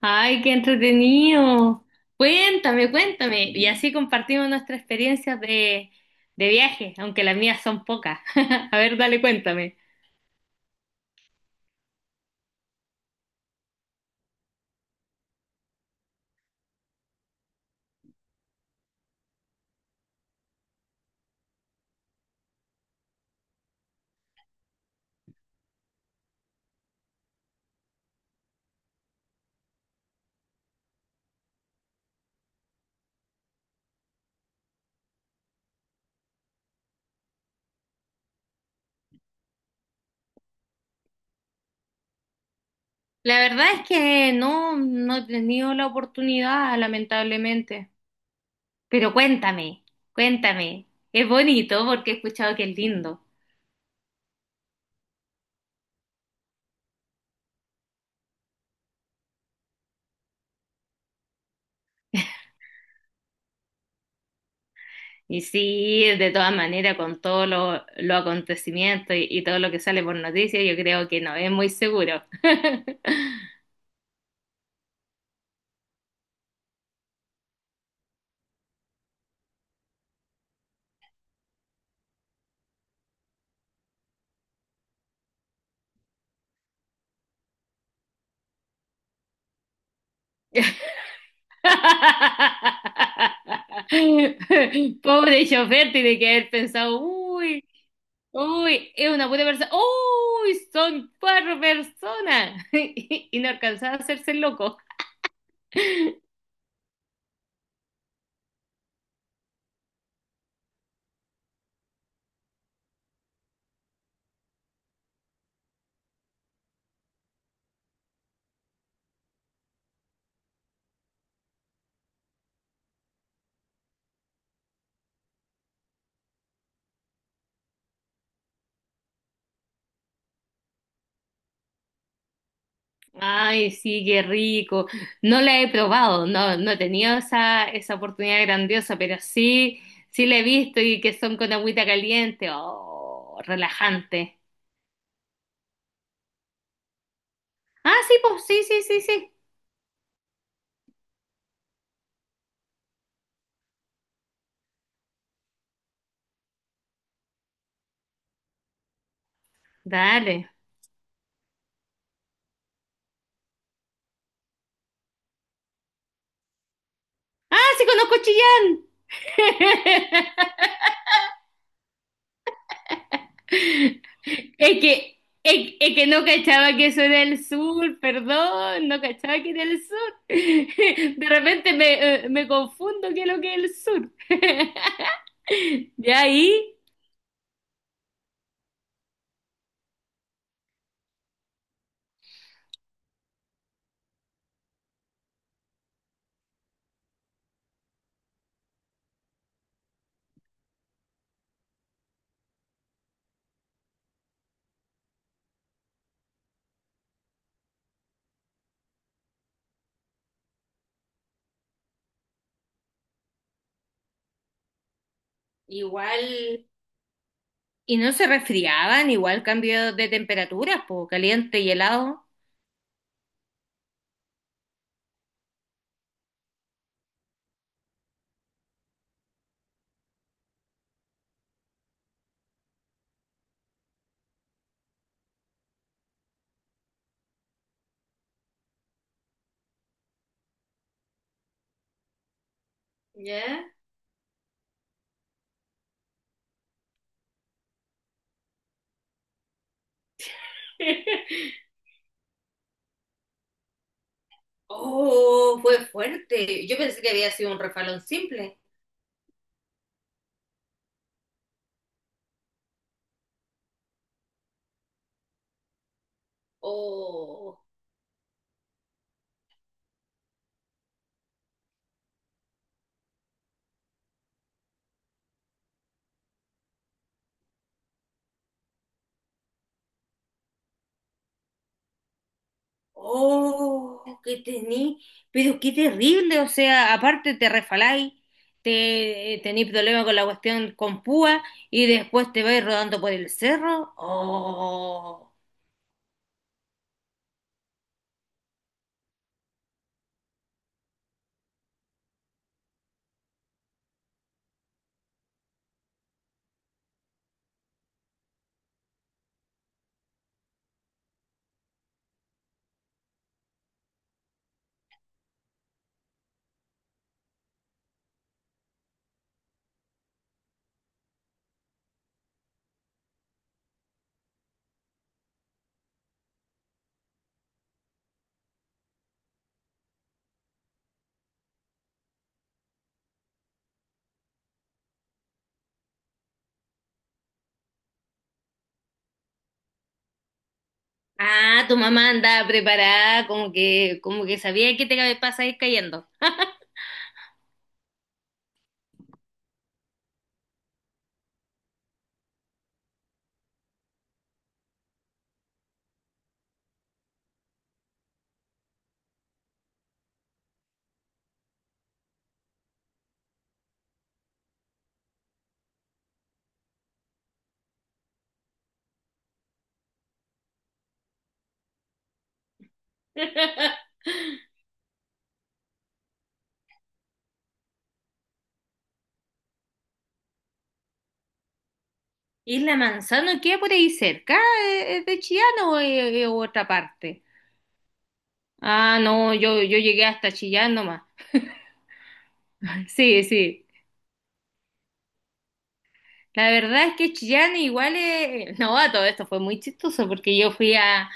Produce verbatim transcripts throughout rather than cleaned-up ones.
Ay, qué entretenido. Cuéntame, cuéntame. Y así compartimos nuestras experiencias de, de viaje, aunque las mías son pocas. A ver, dale, cuéntame. La verdad es que no, no he tenido la oportunidad, lamentablemente. Pero cuéntame, cuéntame. Es bonito porque he escuchado que es lindo. Y sí, de todas maneras, con todos los los acontecimientos y, y todo lo que sale por noticias, yo creo que no es muy seguro. Pobre chofer, tiene que haber pensado, uy, uy, es una buena persona, uy, son cuatro personas y no alcanzaba a hacerse el loco. Ay, sí, qué rico. No la he probado, no, no he tenido esa, esa oportunidad grandiosa, pero sí, sí la he visto y que son con agüita caliente, oh, relajante. Ah, sí, pues, sí, sí, sí, sí. Dale. Ah, sí, conozco Chillán. Es que, es, es que no cachaba que eso era el sur, perdón, no cachaba que era el sur. De repente me, eh, me confundo qué es lo que es el sur. Ya ahí, igual, y no se resfriaban, igual cambio de temperaturas, po, caliente y helado. ¿Ya? Oh, fue fuerte. Yo pensé que había sido un refalón simple. Oh. Oh, que tení, pero qué terrible, o sea, aparte te refaláis, te tení problemas con la cuestión con púa y después te vais rodando por el cerro. Oh. Ah, tu mamá andaba preparada, como que, como que sabía que te pasa ir cayendo. ¿Y la manzana queda por ahí cerca? ¿Es es de Chillán o es otra parte? Ah, no, yo, yo llegué hasta Chillán nomás. Sí, sí. La verdad es que Chillán igual es... No, a todo esto fue muy chistoso porque yo fui a...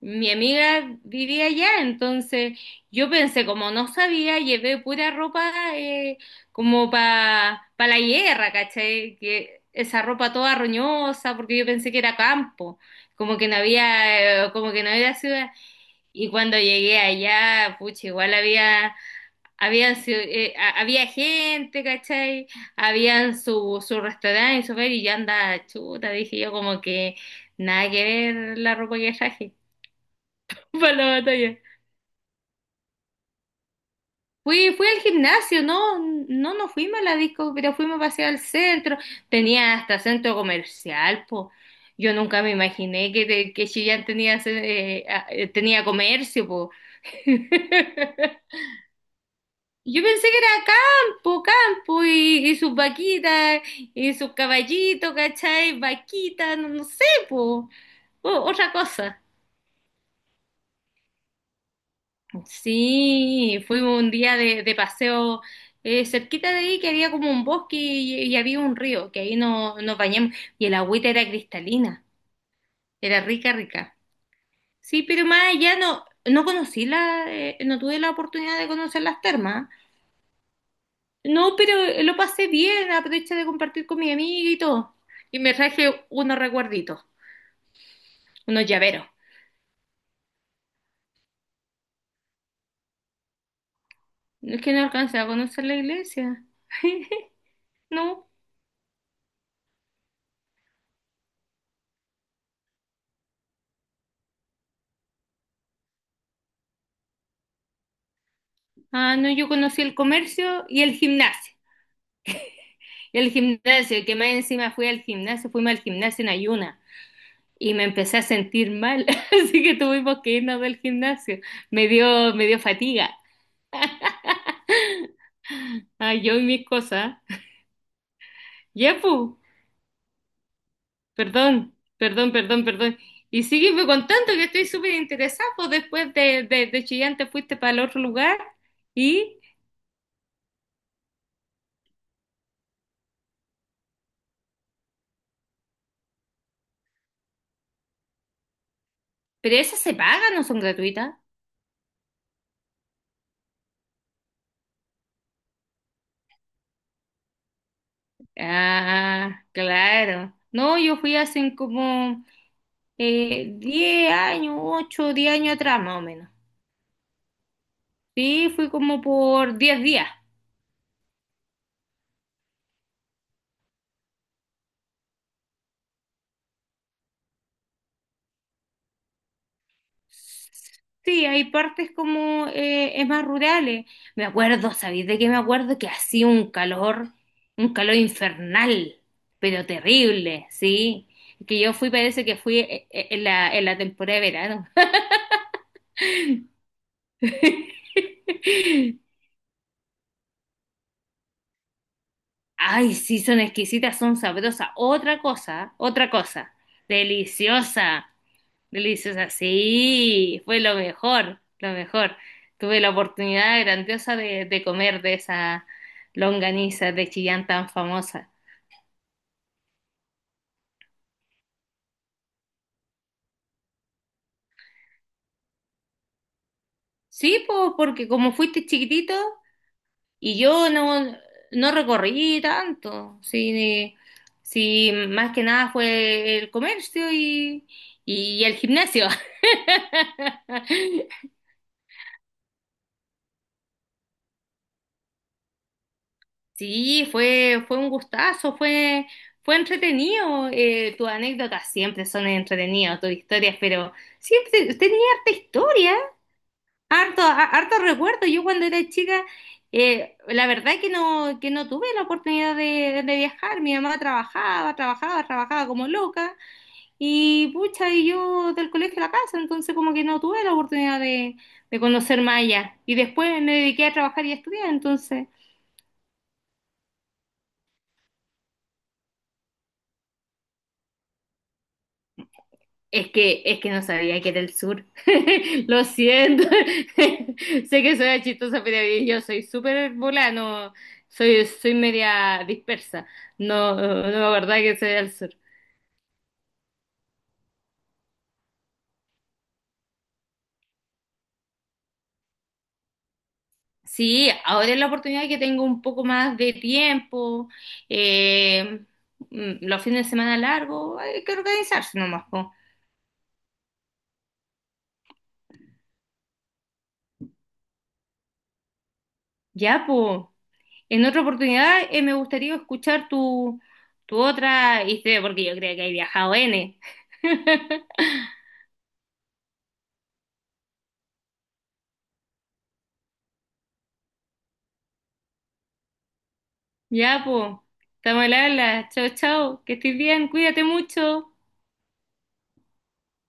Mi amiga vivía allá, entonces yo pensé, como no sabía, llevé pura ropa eh, como para pa pa la guerra, ¿cachai? Que esa ropa toda roñosa, porque yo pensé que era campo, como que no había, eh, como que no había ciudad. Y cuando llegué allá, pucha, igual había había, ci- eh, a- había gente, ¿cachai? Habían su, su restaurante y su feria y yo andaba chuta, dije yo como que nada que ver la ropa que traje para la batalla. Fui, fui al gimnasio, no, no, no fuimos a la disco, pero fuimos a pasear al centro. Tenía hasta centro comercial, po. Yo nunca me imaginé que, que Chillán tenía, ce- eh, a- eh, tenía comercio, po. Yo pensé que era campo, campo y, y sus vaquitas y sus caballitos, ¿cachai? Vaquitas, no, no sé, po. O- otra cosa. Sí, fuimos un día de, de paseo eh, cerquita de ahí que había como un bosque y, y había un río, que ahí nos, nos bañamos y el agüita era cristalina, era rica, rica. Sí, pero más allá no, no conocí la, eh, no tuve la oportunidad de conocer las termas. No, pero lo pasé bien, aproveché de compartir con mi amiga y todo. Y me traje unos recuerditos, unos llaveros. Es que no alcancé a conocer la iglesia. No, ah, no, yo conocí el comercio y el gimnasio. Y el gimnasio, que más encima fui al gimnasio, fuimos al gimnasio en ayuna. Y me empecé a sentir mal, así que tuvimos que irnos del gimnasio. Me dio, me dio fatiga. Ah, yo y mis cosas. Ya, pues. Perdón, perdón, perdón, perdón. Y sígueme contando que estoy súper interesado. Pues después de, de, de Chillán te fuiste para el otro lugar. Y, pero esas se pagan, no son gratuitas. Ah, claro. No, yo fui hace como eh, diez años, ocho, diez años atrás más o menos. Sí, fui como por diez días. Sí, hay partes como eh, es más rurales. Me acuerdo, ¿sabéis de qué me acuerdo? Que hacía un calor, un calor infernal, pero terrible, ¿sí? Que yo fui, parece que fui eh, eh, en la, en la temporada de verano. Ay, sí, son exquisitas, son sabrosas. Otra cosa, otra cosa, deliciosa. Deliciosa, sí, fue lo mejor, lo mejor. Tuve la oportunidad grandiosa de, de comer de esa longaniza de Chillán tan famosa. Sí, po, porque como fuiste chiquitito y yo no, no recorrí tanto, sí, sí, más que nada fue el comercio y, y el gimnasio. Sí, fue, fue un gustazo, fue, fue entretenido. Eh, tus anécdotas siempre son entretenidas, tus historias, pero siempre usted tenía harta historia, harto, a- harto recuerdo. Yo cuando era chica, eh, la verdad que no, que no tuve la oportunidad de, de viajar. Mi mamá trabajaba, trabajaba, trabajaba como loca, y pucha, y yo del colegio a la casa, entonces como que no tuve la oportunidad de, de conocer más allá. Y después me dediqué a trabajar y a estudiar, entonces. Es que, es que no sabía que era el sur. Lo siento. Sé que soy chistosa, pero yo soy súper volada, no- soy, soy media dispersa. No, no me acordaba que soy del sur. Sí, ahora es la oportunidad que tengo un poco más de tiempo. eh, mm, los fines de semana largos, hay que organizarse nomás, po. Ya, po. En otra oportunidad, eh, me gustaría escuchar tu, tu otra historia, porque yo creo que hay viajado N. Ya, pues, estamos al habla. Chao, chao, que estés bien, cuídate mucho.